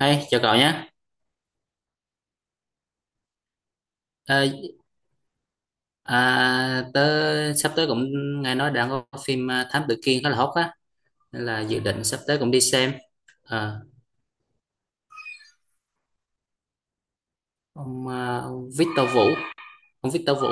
Hey, chào cậu nhé. Ờ, Tớ sắp tới cũng nghe nói đang có phim Thám Tử Kiên khá là hot á, nên là dự định sắp tới cũng đi xem. Ờ, ông Victor Vũ, ông Victor Vũ.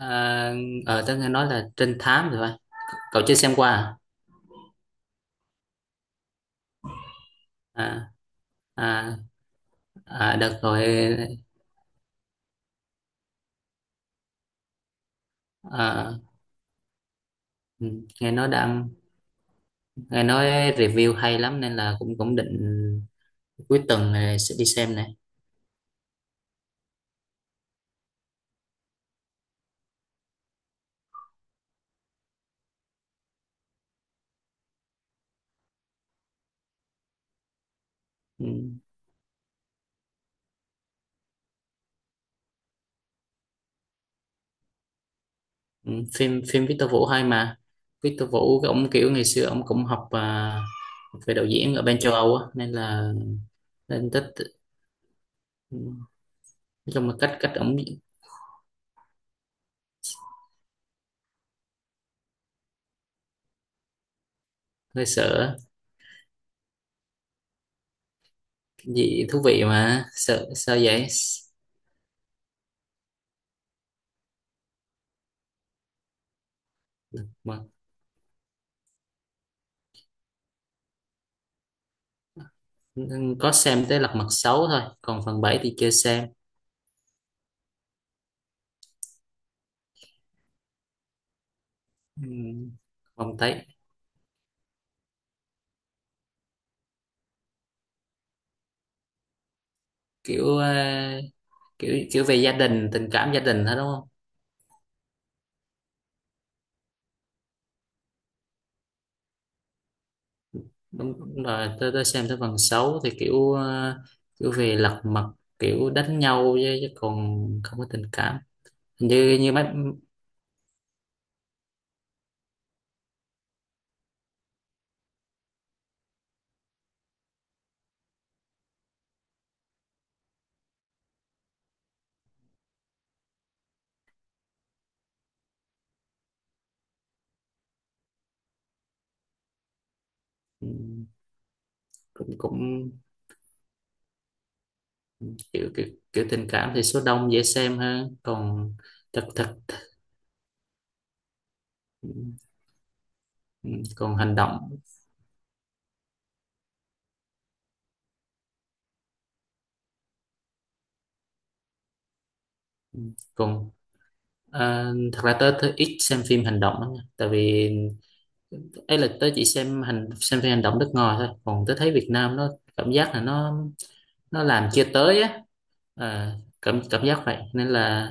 À, Tớ nghe nói là trinh thám rồi. Phải. Cậu chưa xem qua à? À, à, Đợt rồi. à, ừ, Nghe nói nghe nói review hay lắm nên là cũng cũng định cuối tuần này sẽ đi xem này. Ừ. Ừ, phim phim Victor Vũ hay mà. Victor Vũ cái ông kiểu ngày xưa ông cũng học về đạo diễn ở bên châu Âu á nên là nên thích. Ừ, nói chung là cách cách ông hơi sợ cái gì thú vị mà sợ sao vậy mà. Ừ, có xem tới lật mặt xấu thôi, còn phần 7 thì chưa xem. Ừ, không thấy kiểu à, kiểu kiểu về gia đình, tình cảm gia đình hết đúng đúng, rồi tôi xem tới phần 6 thì kiểu về lật mặt, kiểu đánh nhau, chứ còn không có tình cảm. Hình như như mấy. Ừm, cũng cũng kiểu kiểu tình cảm thì số đông dễ xem hơn, còn thật thật. Ừm, còn hành động còn thật ra tớ ít xem phim hành động lắm nha. Tại vì ấy là tớ chỉ xem phim hành động nước ngoài thôi, còn tớ thấy Việt Nam nó cảm giác là nó làm chưa tới á. à, Cảm cảm giác vậy nên là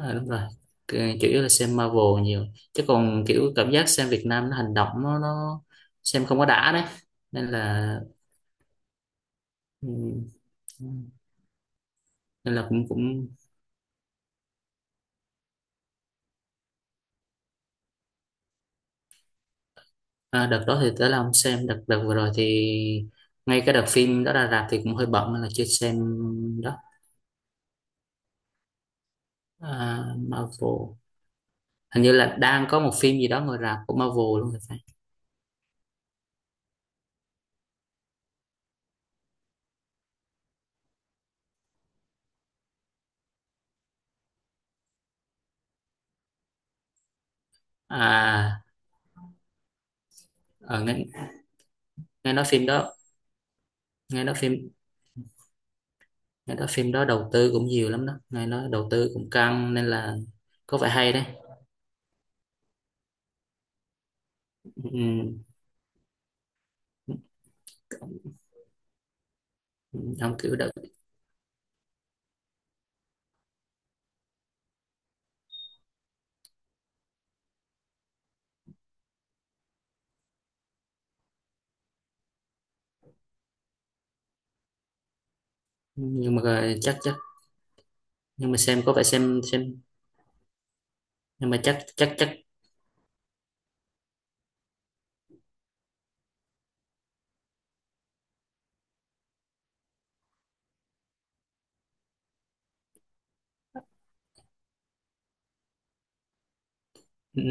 à, đúng rồi. Cái- chủ yếu là xem Marvel nhiều, chứ còn kiểu cảm giác xem Việt Nam nó hành động nó xem không có đã đấy nên là. Ừm, nên là cũng cũng à, đợt đó thì tới là không xem, đợt đợt vừa rồi thì ngay cái đợt phim đó ra rạp thì cũng hơi bận nên là chưa xem đó. À, Marvel hình như là đang có một phim gì đó ngồi rạp của Marvel luôn thì phải. à ờ, nghe, Nghe nói phim đó nghe nói phim nghe nói phim đó đầu tư cũng nhiều lắm đó, nghe nói đầu tư cũng căng nên là có vẻ hay đấy. Ừ, ông kiểu đó. Nhưng mà rồi chắc chắc nhưng mà xem có vẻ xem nhưng mà chắc chắc chắc ừ,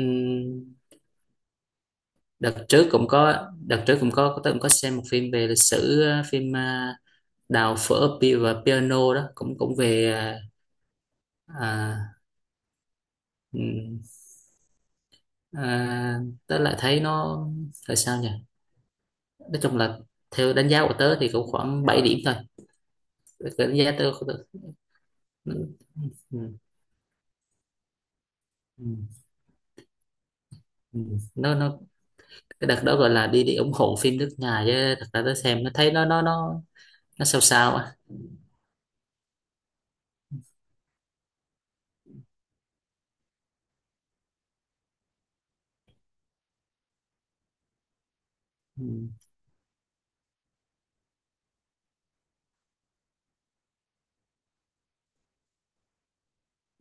đợt trước cũng có, tôi cũng có xem một phim về lịch sử đào phở pi- và piano đó cũng cũng về. ờ, à, ừ, à, Tớ lại thấy nó là sao nhỉ, nói chung là theo đánh giá của tớ thì cũng khoảng 7 điểm thôi. Cái đánh giá tớ. ừ, ừ, ừ, ừ. Nó cái đợt đó gọi là đi đi ủng hộ phim nước nhà, chứ thật ra tới xem nó thấy nó sao sao á. ừ,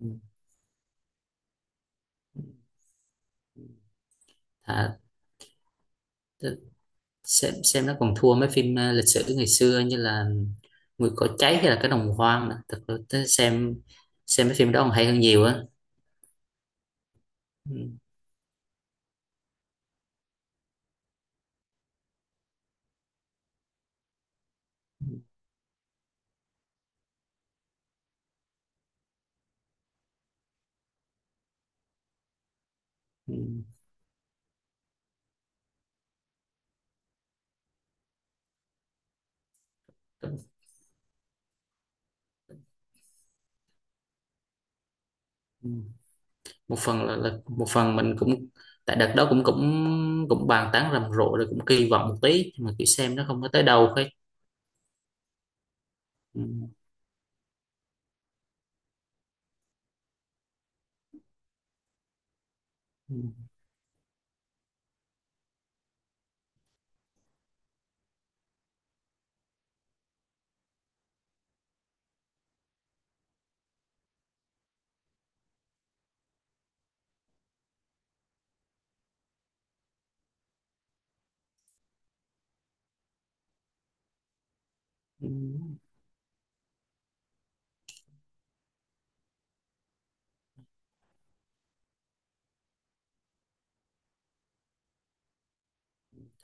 ừ. à, t- xem nó còn thua mấy phim lịch sử ngày xưa như là Mùi cỏ cháy hay là cái đồng hoang nữa. Thật ra tới xem mấy phim đó còn hay hơn nhiều á. ừ, ừ, ừ. Ừ. Một phần là một phần mình cũng tại đợt đó cũng cũng cũng bàn tán rầm rộ rồi cũng kỳ vọng một tí, nhưng mà kiểu xem nó không có tới đâu hết. Ừ. Ừ. Ừ.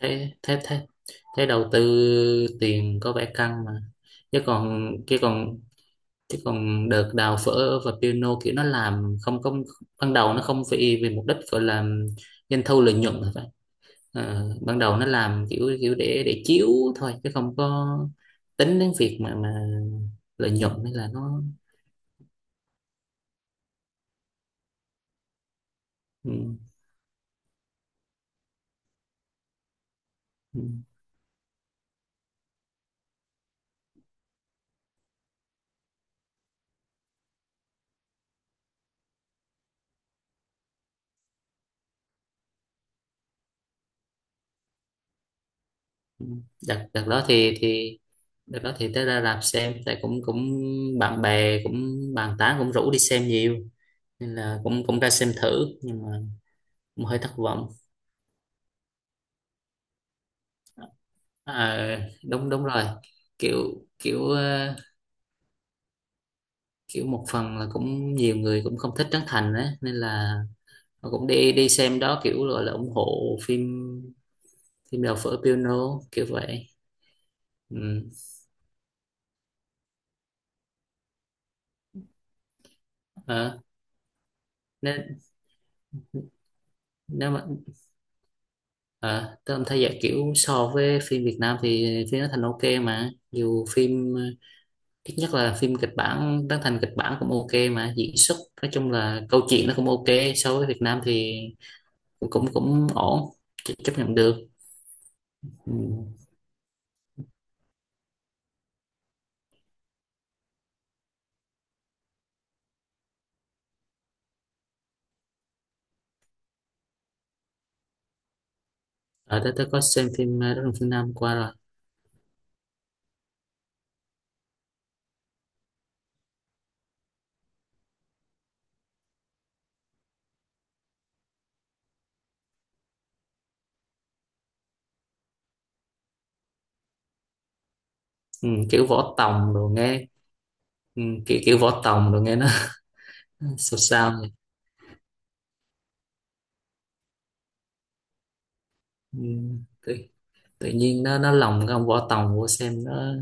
thế thế thế thế đầu tư tiền có vẻ căng mà, chứ còn chứ còn chứ còn đợt đào phở và piano kiểu nó làm không không, ban đầu nó không vì vì mục đích gọi là doanh thu lợi nhuận rồi phải. Ờ, ban đầu nó làm kiểu kiểu để chiếu thôi, chứ không có tính đến việc mà lợi nhuận nên là nó. ừ, ừ, ừ. Đợt đợt đó thì thì. Đợt đó thì tới ra rạp xem tại cũng cũng bạn bè cũng bàn tán cũng rủ đi xem nhiều, nên là cũng cũng ra xem thử, nhưng mà cũng hơi thất vọng. À, đúng đúng rồi, kiểu kiểu ờ, kiểu một phần là cũng nhiều người cũng không thích Trấn Thành á, nên là họ cũng đi đi xem đó kiểu gọi là ủng hộ phim, phim đầu Phở Piano kiểu vậy. Ừ. Ờ, nếu nếu mà à, tôi thấy vậy kiểu so với phim Việt Nam thì phim nó thành ok mà dù phim ít nhất là phim kịch bản Trấn Thành, kịch bản cũng ok mà diễn xuất, nói chung là câu chuyện nó cũng ok, so với Việt Nam thì cũng cũng, cũng ổn, ch- chấp nhận được. Ừ. Ở đó tôi có xem phim Đất rừng phương Nam qua rồi. Ừ. kiểu võ tòng rồi nghe ừ. Kiểu kiểu võ tòng rồi nghe nó sao sao vậy. Ừ. tự, Tự nhiên nó lòng cái ông võ tòng vô xem nó.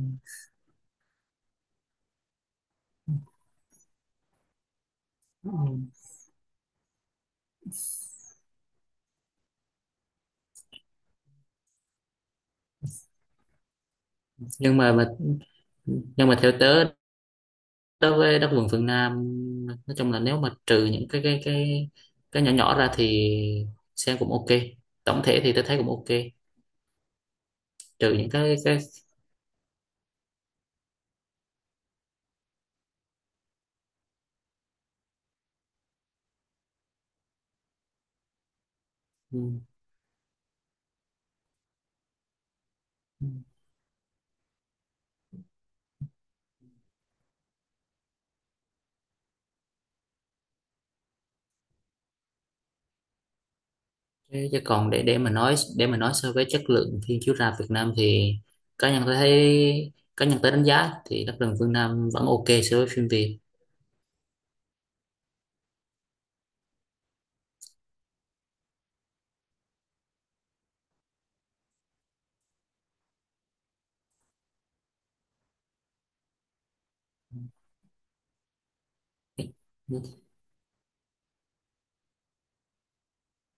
Ừ. Nhưng mà nhưng mà theo tớ, đối với đất vườn phương Nam, nói chung là nếu mà trừ những cái cái nhỏ nhỏ ra thì xem cũng ok, tổng thể thì tôi thấy cũng ok, trừ những cái cái. Ừ, cái chứ còn để mà nói so với chất lượng phim chiếu rạp Việt Nam thì cá nhân tôi thấy, cá nhân tôi đánh giá thì đất vườn phương Nam vẫn ok so với phim Việt.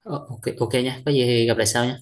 Ờ, ok ok nha, có gì thì gặp lại sau nha.